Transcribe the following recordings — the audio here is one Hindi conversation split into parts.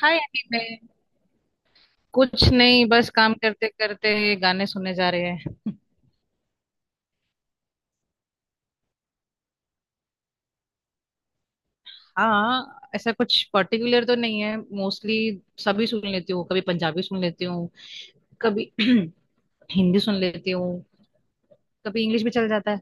हाय अनिमे। कुछ नहीं, बस काम करते करते गाने सुनने जा रहे हैं। हाँ, ऐसा कुछ पर्टिकुलर तो नहीं है, मोस्टली सभी सुन लेती हूँ। कभी पंजाबी सुन लेती हूँ, कभी हिंदी सुन लेती हूँ, कभी इंग्लिश भी चल जाता है।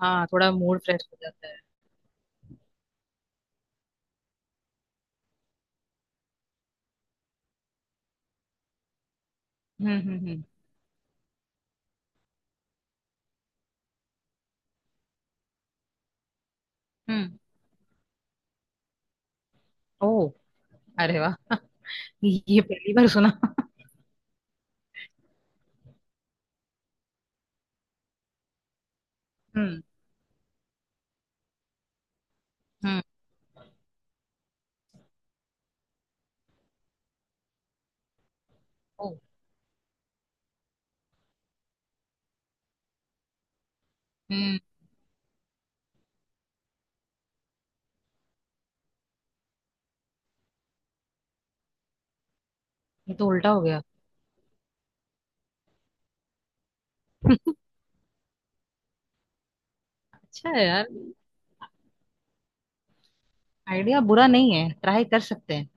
हाँ, थोड़ा मूड फ्रेश हो जाता है। हम्म, हम्म, हम्म। हम्म। ओ। अरे वाह, ये पहली बार सुना। हम्म। हम्म। ओ। हम्म। ये तो उल्टा हो गया। अच्छा है यार, आइडिया बुरा नहीं है, ट्राई कर सकते हैं।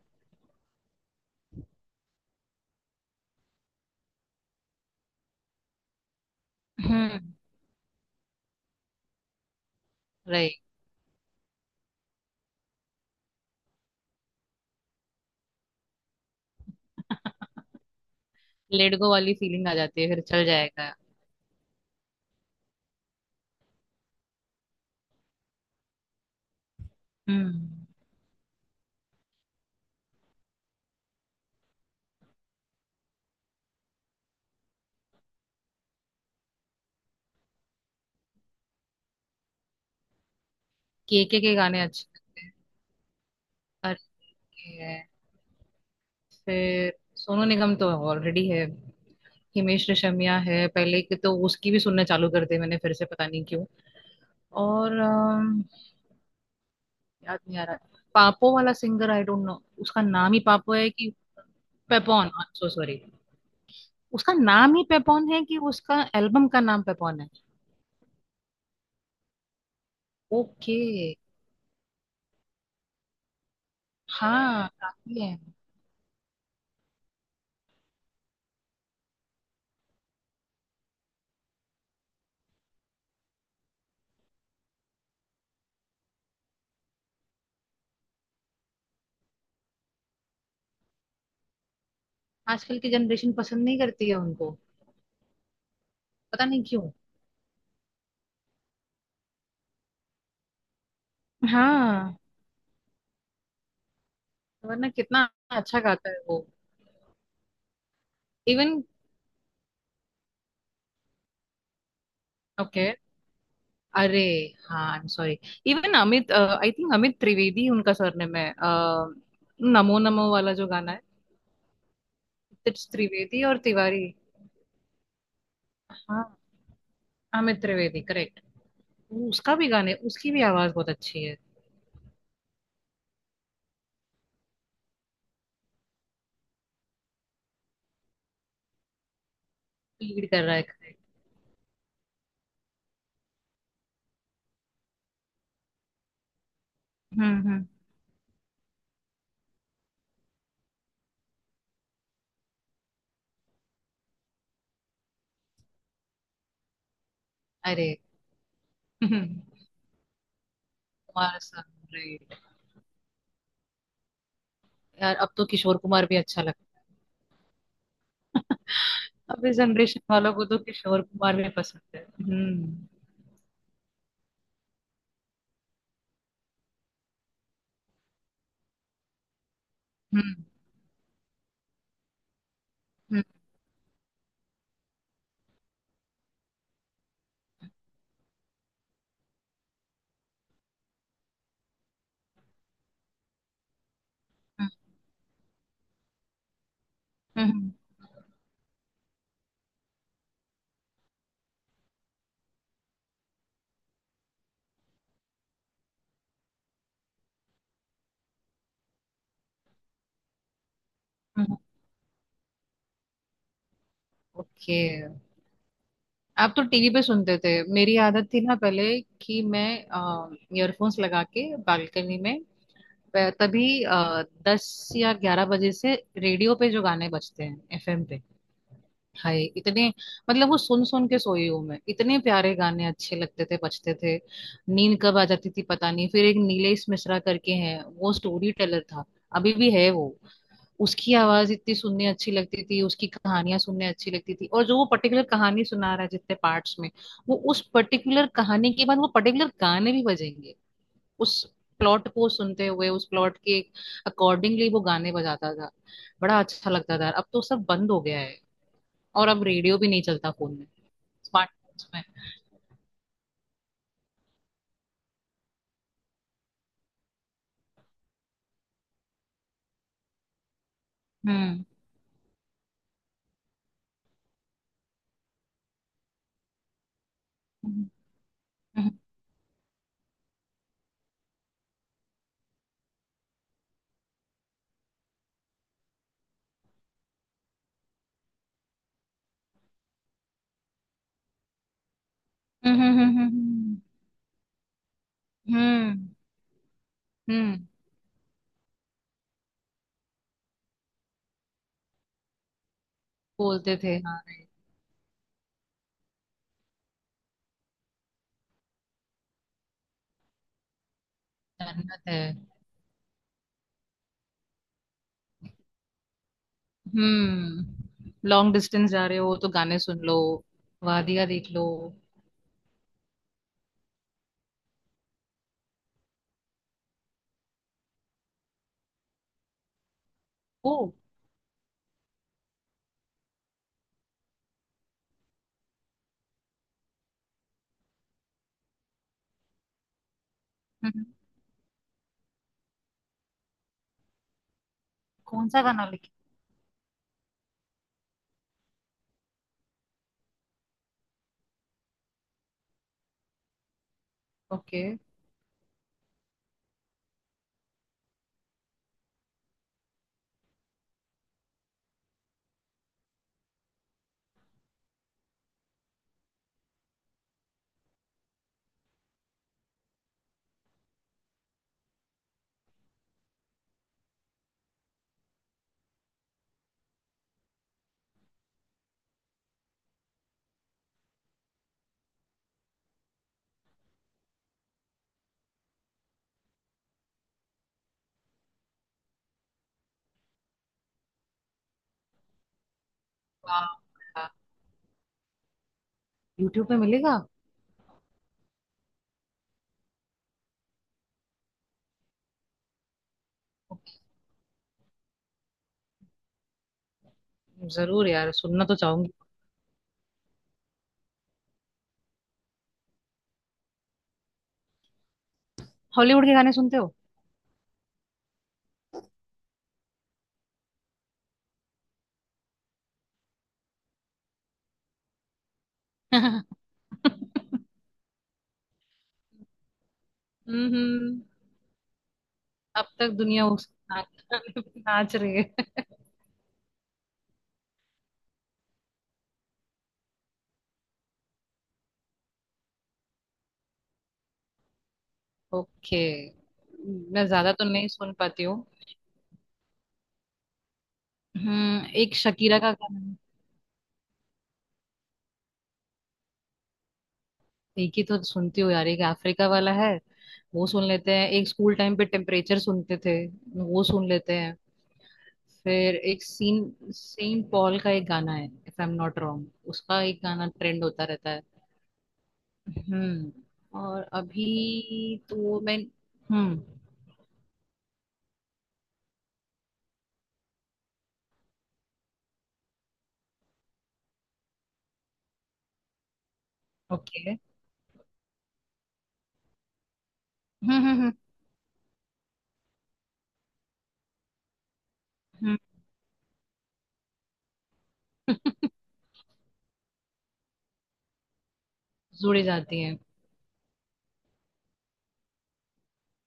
हम्म। राइट। लेडगो वाली फीलिंग आ जाती है, फिर चल जाएगा। हम्म। केके के गाने अच्छे। अरे है। फिर सोनू निगम तो ऑलरेडी है। हिमेश रेशमिया है पहले के, तो उसकी भी सुनना चालू कर दी मैंने फिर से, पता नहीं क्यों। और याद नहीं आ रहा। पापो वाला सिंगर, आई डोंट नो उसका नाम ही पापो है कि पेपॉन। So sorry. उसका नाम ही पेपॉन है कि उसका एल्बम का नाम पेपॉन है? ओके। हाँ, काफी है। आजकल की जनरेशन पसंद नहीं करती है उनको, पता नहीं क्यों। हाँ। वरना कितना अच्छा गाता है वो। इवन। ओके। अरे हाँ, I am sorry. Even Amit, I think Amit Trivedi उनका सरनेम है, नमो नमो वाला जो गाना है। इट्स त्रिवेदी और तिवारी। हाँ, अमित त्रिवेदी करेक्ट। उसका भी गाने, उसकी भी आवाज बहुत अच्छी है। लीड कर रहा है correct। हम्म, हम्म। अरे, कुमार सानू, राइट। यार, अब तो किशोर कुमार भी अच्छा लगता है। अब इस जनरेशन वालों को तो किशोर कुमार भी पसंद है। हम्म। हम्म, हम्म, हम्म, हम्म। ओके। आप तो टीवी पे सुनते थे, मेरी आदत थी ना पहले, कि मैं ईयरफोन्स लगा के बालकनी में तभी 10 या 11 बजे से रेडियो पे जो गाने बजते हैं एफएम पे। हाय इतने, मतलब वो सुन सुन के सोई हूँ मैं, इतने प्यारे गाने अच्छे लगते थे, बजते थे। नींद कब आ जाती थी पता नहीं। फिर एक नीलेश मिश्रा करके हैं, वो स्टोरी टेलर था, अभी भी है वो। उसकी आवाज इतनी सुनने अच्छी लगती थी, उसकी कहानियां सुनने अच्छी लगती थी। और जो वो पर्टिकुलर कहानी सुना रहा है, जितने पार्ट्स में, वो उस पर्टिकुलर कहानी के बाद वो पर्टिकुलर गाने भी बजेंगे। उस प्लॉट को सुनते हुए उस प्लॉट के अकॉर्डिंगली वो गाने बजाता था। बड़ा अच्छा लगता था। अब तो सब बंद हो गया है। और अब रेडियो भी नहीं चलता फोन में, स्मार्टफोन्स में। हम्म, हम्म, हम्म, हम्म, हम्म, हम्म, हम्म। बोलते थे, हाँ। जन्नत है। हम्म, लॉन्ग डिस्टेंस जा रहे हो तो गाने सुन लो, वादियां देख लो। ओ। हम्म। कौन सा गाना लिखे? ओके। वाह। यूट्यूब पे मिलेगा? जरूर यार, सुनना तो चाहूंगी। हॉलीवुड के गाने सुनते हो? हम्म। अब तक दुनिया उस नाच नाच रही है। ओके। मैं ज्यादा तो नहीं सुन पाती हूँ। हम्म, एक शकीरा का गाना। एक ही तो सुनती हूँ यार, एक अफ्रीका वाला है, वो सुन लेते हैं। एक स्कूल टाइम पे टेम्परेचर सुनते थे, वो सुन लेते हैं। फिर एक सीन सेंट पॉल का एक गाना है if I am not wrong, उसका एक गाना ट्रेंड होता रहता है। हम्म, और अभी तो मैं। हम्म। ओके। हम्म, हम्म, हम्म, हम्म। जुड़ी जाती है।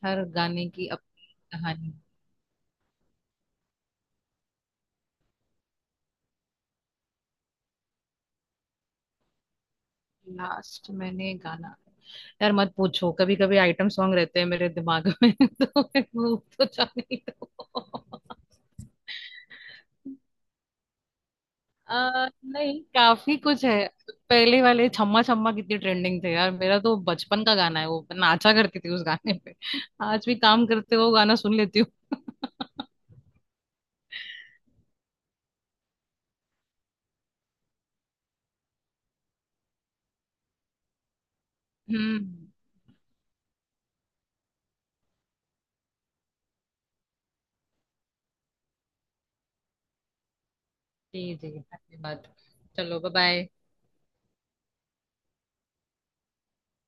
हर गाने की अपनी कहानी। लास्ट मैंने गाना, यार मत पूछो, कभी कभी आइटम सॉन्ग रहते हैं मेरे दिमाग में तो मैं भूल तो जानी तो। नहीं, काफी कुछ है। पहले वाले छम्मा छम्मा कितनी ट्रेंडिंग थे यार, मेरा तो बचपन का गाना है वो, मैं नाचा करती थी उस गाने पे। आज भी काम करते हुए वो गाना सुन लेती हूँ। हम्म। जी जी, अच्छी बात। चलो, बाय बाय।